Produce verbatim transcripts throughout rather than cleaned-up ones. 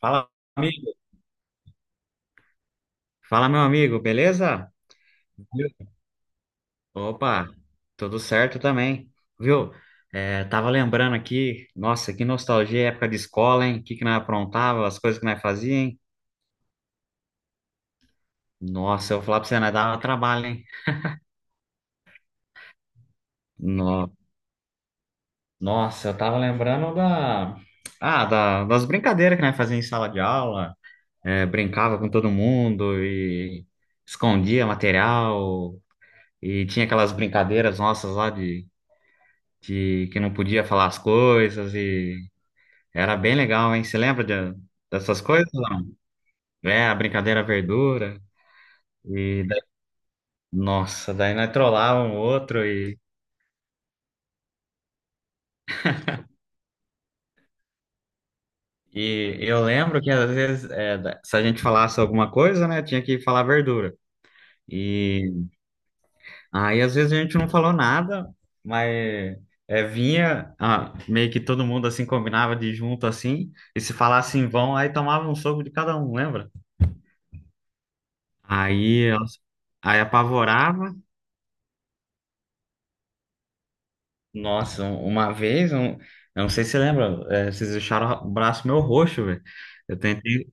Fala, amigo. Fala, meu amigo, beleza? Viu? Opa, tudo certo também, viu? É, tava lembrando aqui, nossa, que nostalgia, é época de escola, hein? O que que nós aprontava, as coisas que nós fazia, hein? Nossa, eu vou falar pra você, nós dava trabalho, hein? No- Nossa, eu tava lembrando da... Ah, da- das brincadeiras que nós fazia em sala de aula, é, brincava com todo mundo e escondia material e tinha aquelas brincadeiras nossas lá de que, que não podia falar as coisas e era bem legal, hein? Você lembra de- dessas coisas? Não? É, a brincadeira verdura e daí- nossa, daí nós trollava um outro e, e eu lembro que às vezes é, da- se a gente falasse alguma coisa, né, tinha que falar verdura. E aí às vezes a gente não falou nada, mas é, vinha ah, meio que todo mundo assim combinava de ir junto assim e se falasse em vão, aí tomava um soco de cada um, lembra? Aí, nossa, aí apavorava. Nossa, um- uma vez, um, eu não sei se você lembra, é, vocês deixaram o braço meu roxo, velho. Eu tentei,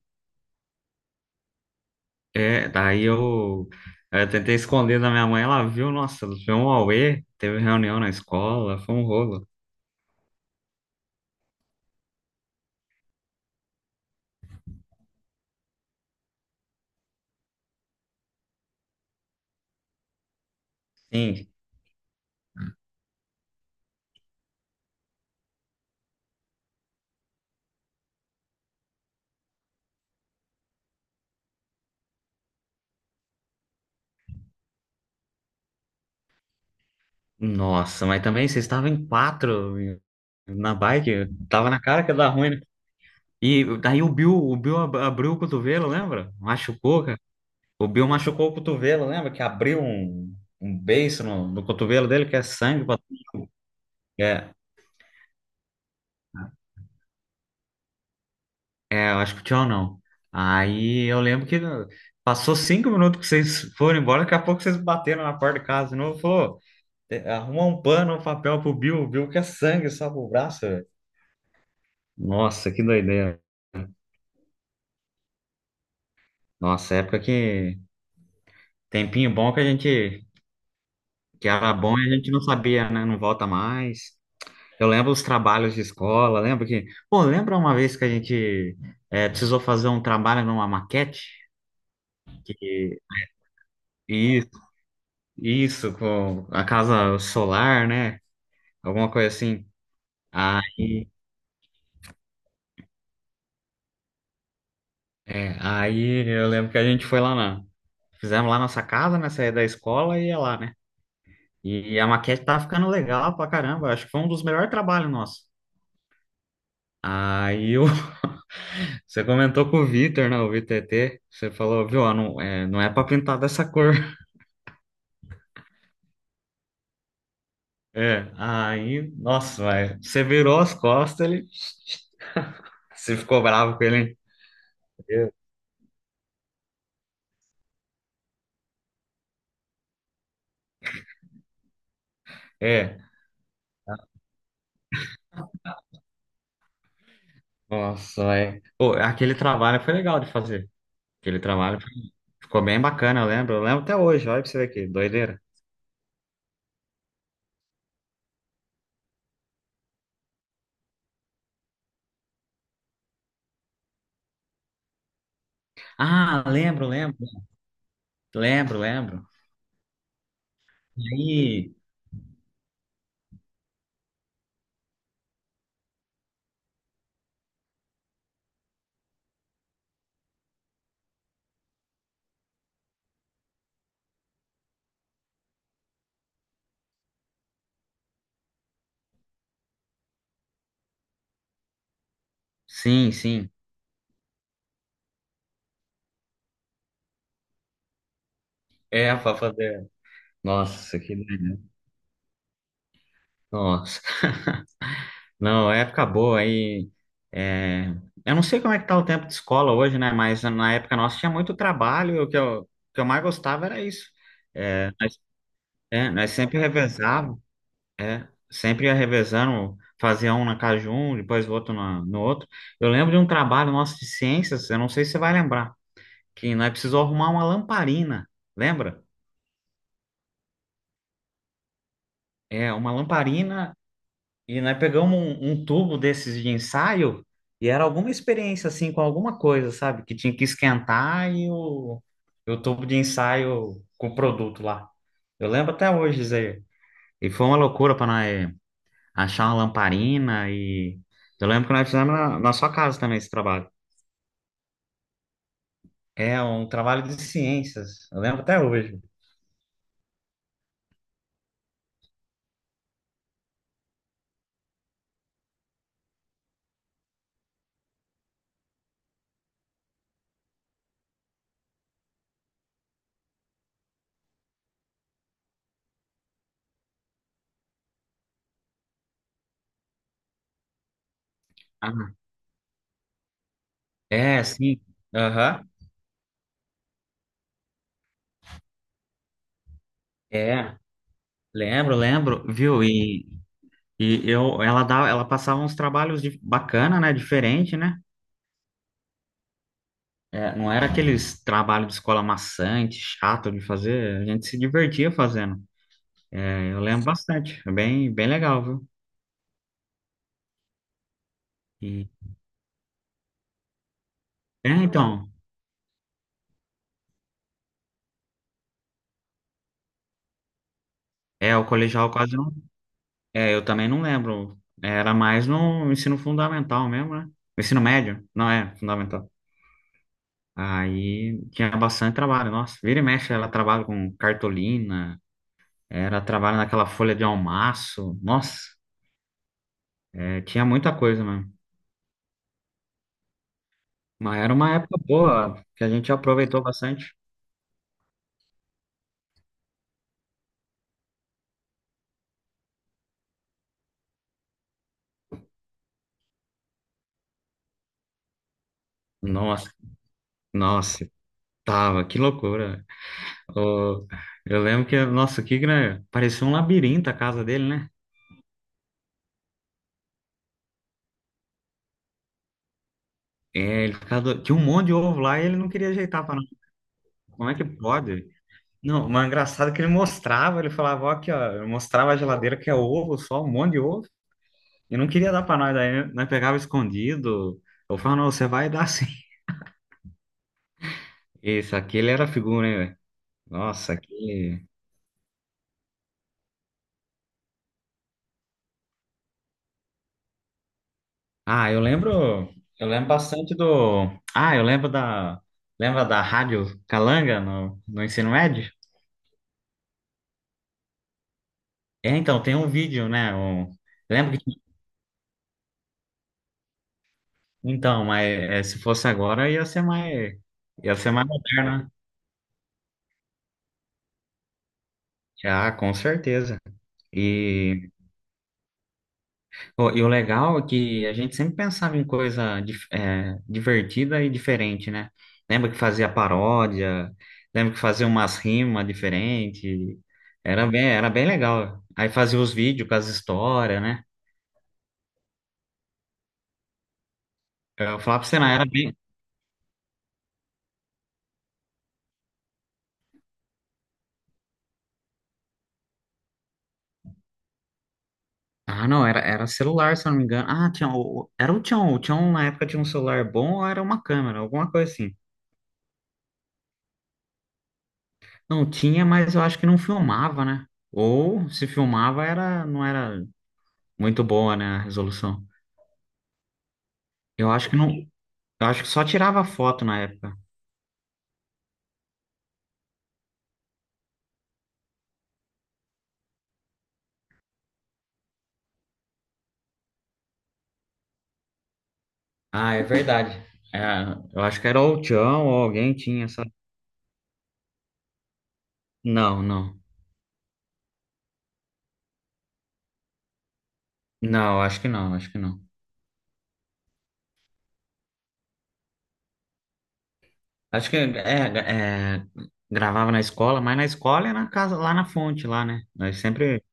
é, daí eu, é, eu tentei esconder da minha mãe, ela viu, nossa, foi um auê, teve reunião na escola, foi um rolo. Sim, nossa, mas também vocês estavam em quatro e- na bike, tava na cara que ia dar ruim, né? E daí o Bill, o Bill ab- abriu o cotovelo, lembra? Machucou, cara. O Bill machucou o cotovelo, lembra? Que abriu um, um beiço no, no cotovelo dele, que é sangue pra é. É, eu acho que o tchau não. Aí eu lembro que passou cinco minutos que vocês foram embora, daqui a pouco vocês bateram na porta de casa de novo, falou, "Te- arruma um pano, um papel pro Bill, o Bill quer sangue só pro braço, velho." Nossa, que doideira. Nossa, época que tempinho bom que a gente, que era bom e a gente não sabia, né? Não volta mais. Eu lembro os trabalhos de escola, lembro que, pô, lembra uma vez que a gente eh, precisou fazer um trabalho numa maquete? Que, isso, com a casa solar, né? Alguma coisa assim. Ah, é. Aí eu lembro que a gente foi lá na. Fizemos lá nossa casa, né? Saía da escola e ia lá, né? E a maquete tava ficando legal pra caramba. Acho que foi um dos melhores trabalhos nossos. Aí eu... você comentou com o Vitor, né? O Vitor E T. Você falou, viu? Ó, não é, não é pra pintar dessa cor. É. Aí, nossa, vai. Você virou as costas, ele. Você ficou bravo com ele, hein? É. Nossa, é. Pô, aquele trabalho foi legal de fazer. Aquele trabalho ficou bem bacana, eu lembro. Eu lembro até hoje, olha pra você ver aqui, doideira. Ah, lembro, lembro, lembro, lembro. Aí, sim, sim. É, pra fazer. Nossa, que. Nossa. Não, é época boa aí. É, eu não sei como é que tá o tempo de escola hoje, né? Mas na época nossa tinha muito trabalho. E O que eu, o que eu mais gostava era isso. É, nós sempre revezávamos. É, sempre ia revezando, fazia um na casa de um, depois o outro na- no outro. Eu lembro de um trabalho nosso de ciências, eu não sei se você vai lembrar, que nós precisou arrumar uma lamparina, lembra? É, uma lamparina, e nós pegamos um, um tubo desses de ensaio, e era alguma experiência, assim, com alguma coisa, sabe? Que tinha que esquentar e o, e o tubo de ensaio com o produto lá. Eu lembro até hoje, Zé. E foi uma loucura para nós achar uma lamparina e. Eu lembro que nós fizemos na, na sua casa também esse trabalho. É um trabalho de ciências, eu lembro até hoje. Ah, é, sim. Aham. É, lembro, lembro, viu? E, e eu, ela dava, ela passava uns trabalhos de, bacana, né? Diferente, né? É, não era aqueles trabalhos de escola maçante, chato de fazer. A gente se divertia fazendo. Eu lembro bastante. É bem, bem legal, viu? E, é, então, é, o colegial quase. É, eu também não lembro. Era mais no ensino fundamental mesmo, né? Ensino médio? Não, é, fundamental. Aí tinha bastante trabalho. Nossa, vira e mexe, ela trabalha com cartolina, era trabalho naquela folha de almaço. Nossa, é, tinha muita coisa mesmo. Mas era uma época boa, que a gente aproveitou bastante. Nossa, nossa, tava, que loucura. Ô, eu lembro que, nossa, que grande, parecia um labirinto a casa dele, né? É, ele ficava, do- tinha um monte de ovo lá e ele não queria ajeitar pra. Como é que pode? Não, mas é engraçado que ele mostrava, ele falava, ó, aqui, ó, eu mostrava a geladeira que é ovo, só um monte de ovo, e não queria dar pra nós, daí nós pegava escondido. Eu falava, não, você vai dar sim. Isso, aquele era figura, hein, velho? Nossa, aquele. Ah, eu lembro, eu lembro bastante do. Ah, eu lembro da. Lembra da Rádio Calanga no, no ensino médio? É, então, tem um vídeo, né? Um... Lembro que. Então, mas é, se fosse agora ia ser mais. Ia ser mais moderno, né? Já, com certeza. E, pô, e o legal é que a gente sempre pensava em coisa dif- é, divertida e diferente, né? Lembra que fazia paródia, lembra que fazia umas rimas diferentes. Era bem, era bem legal. Aí fazia os vídeos com as histórias, né? Eu falava pra você, não, era bem. Ah, não, era, era celular, se eu não me engano. Ah, tinha, o- era o Tchon. O Tchon, na época, tinha um celular bom ou era uma câmera, alguma coisa assim. Não tinha, mas eu acho que não filmava, né? Ou se filmava, era, não era muito boa, né, a resolução. Eu acho que não, eu acho que só tirava foto na época. Ah, é verdade. É, eu acho que era ou o Tião ou alguém tinha essa. Não, não. Não, acho que não, acho que não. Acho que é, é, gravava na escola, mas na escola e na casa, lá na fonte, lá, né? Nós sempre.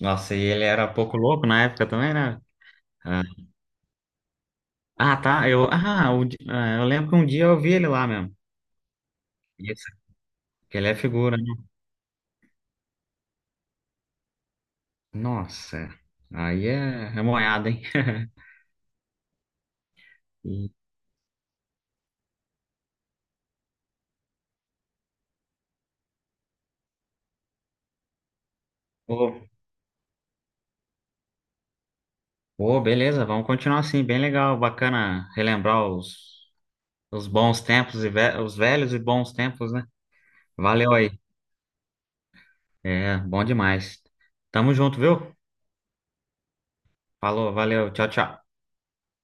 Nossa, e ele era pouco louco na época também, né? Ah, ah, tá. Eu, ah, o di- ah, eu lembro que um dia eu vi ele lá mesmo. Isso, que ele é figura, né? Nossa, aí é, é moiado, hein? Pô, beleza, vamos continuar assim, bem legal, bacana relembrar os, os bons tempos, e ve- os velhos e bons tempos, né? Valeu aí, é, bom demais. Tamo junto, viu? Falou, valeu, tchau, tchau.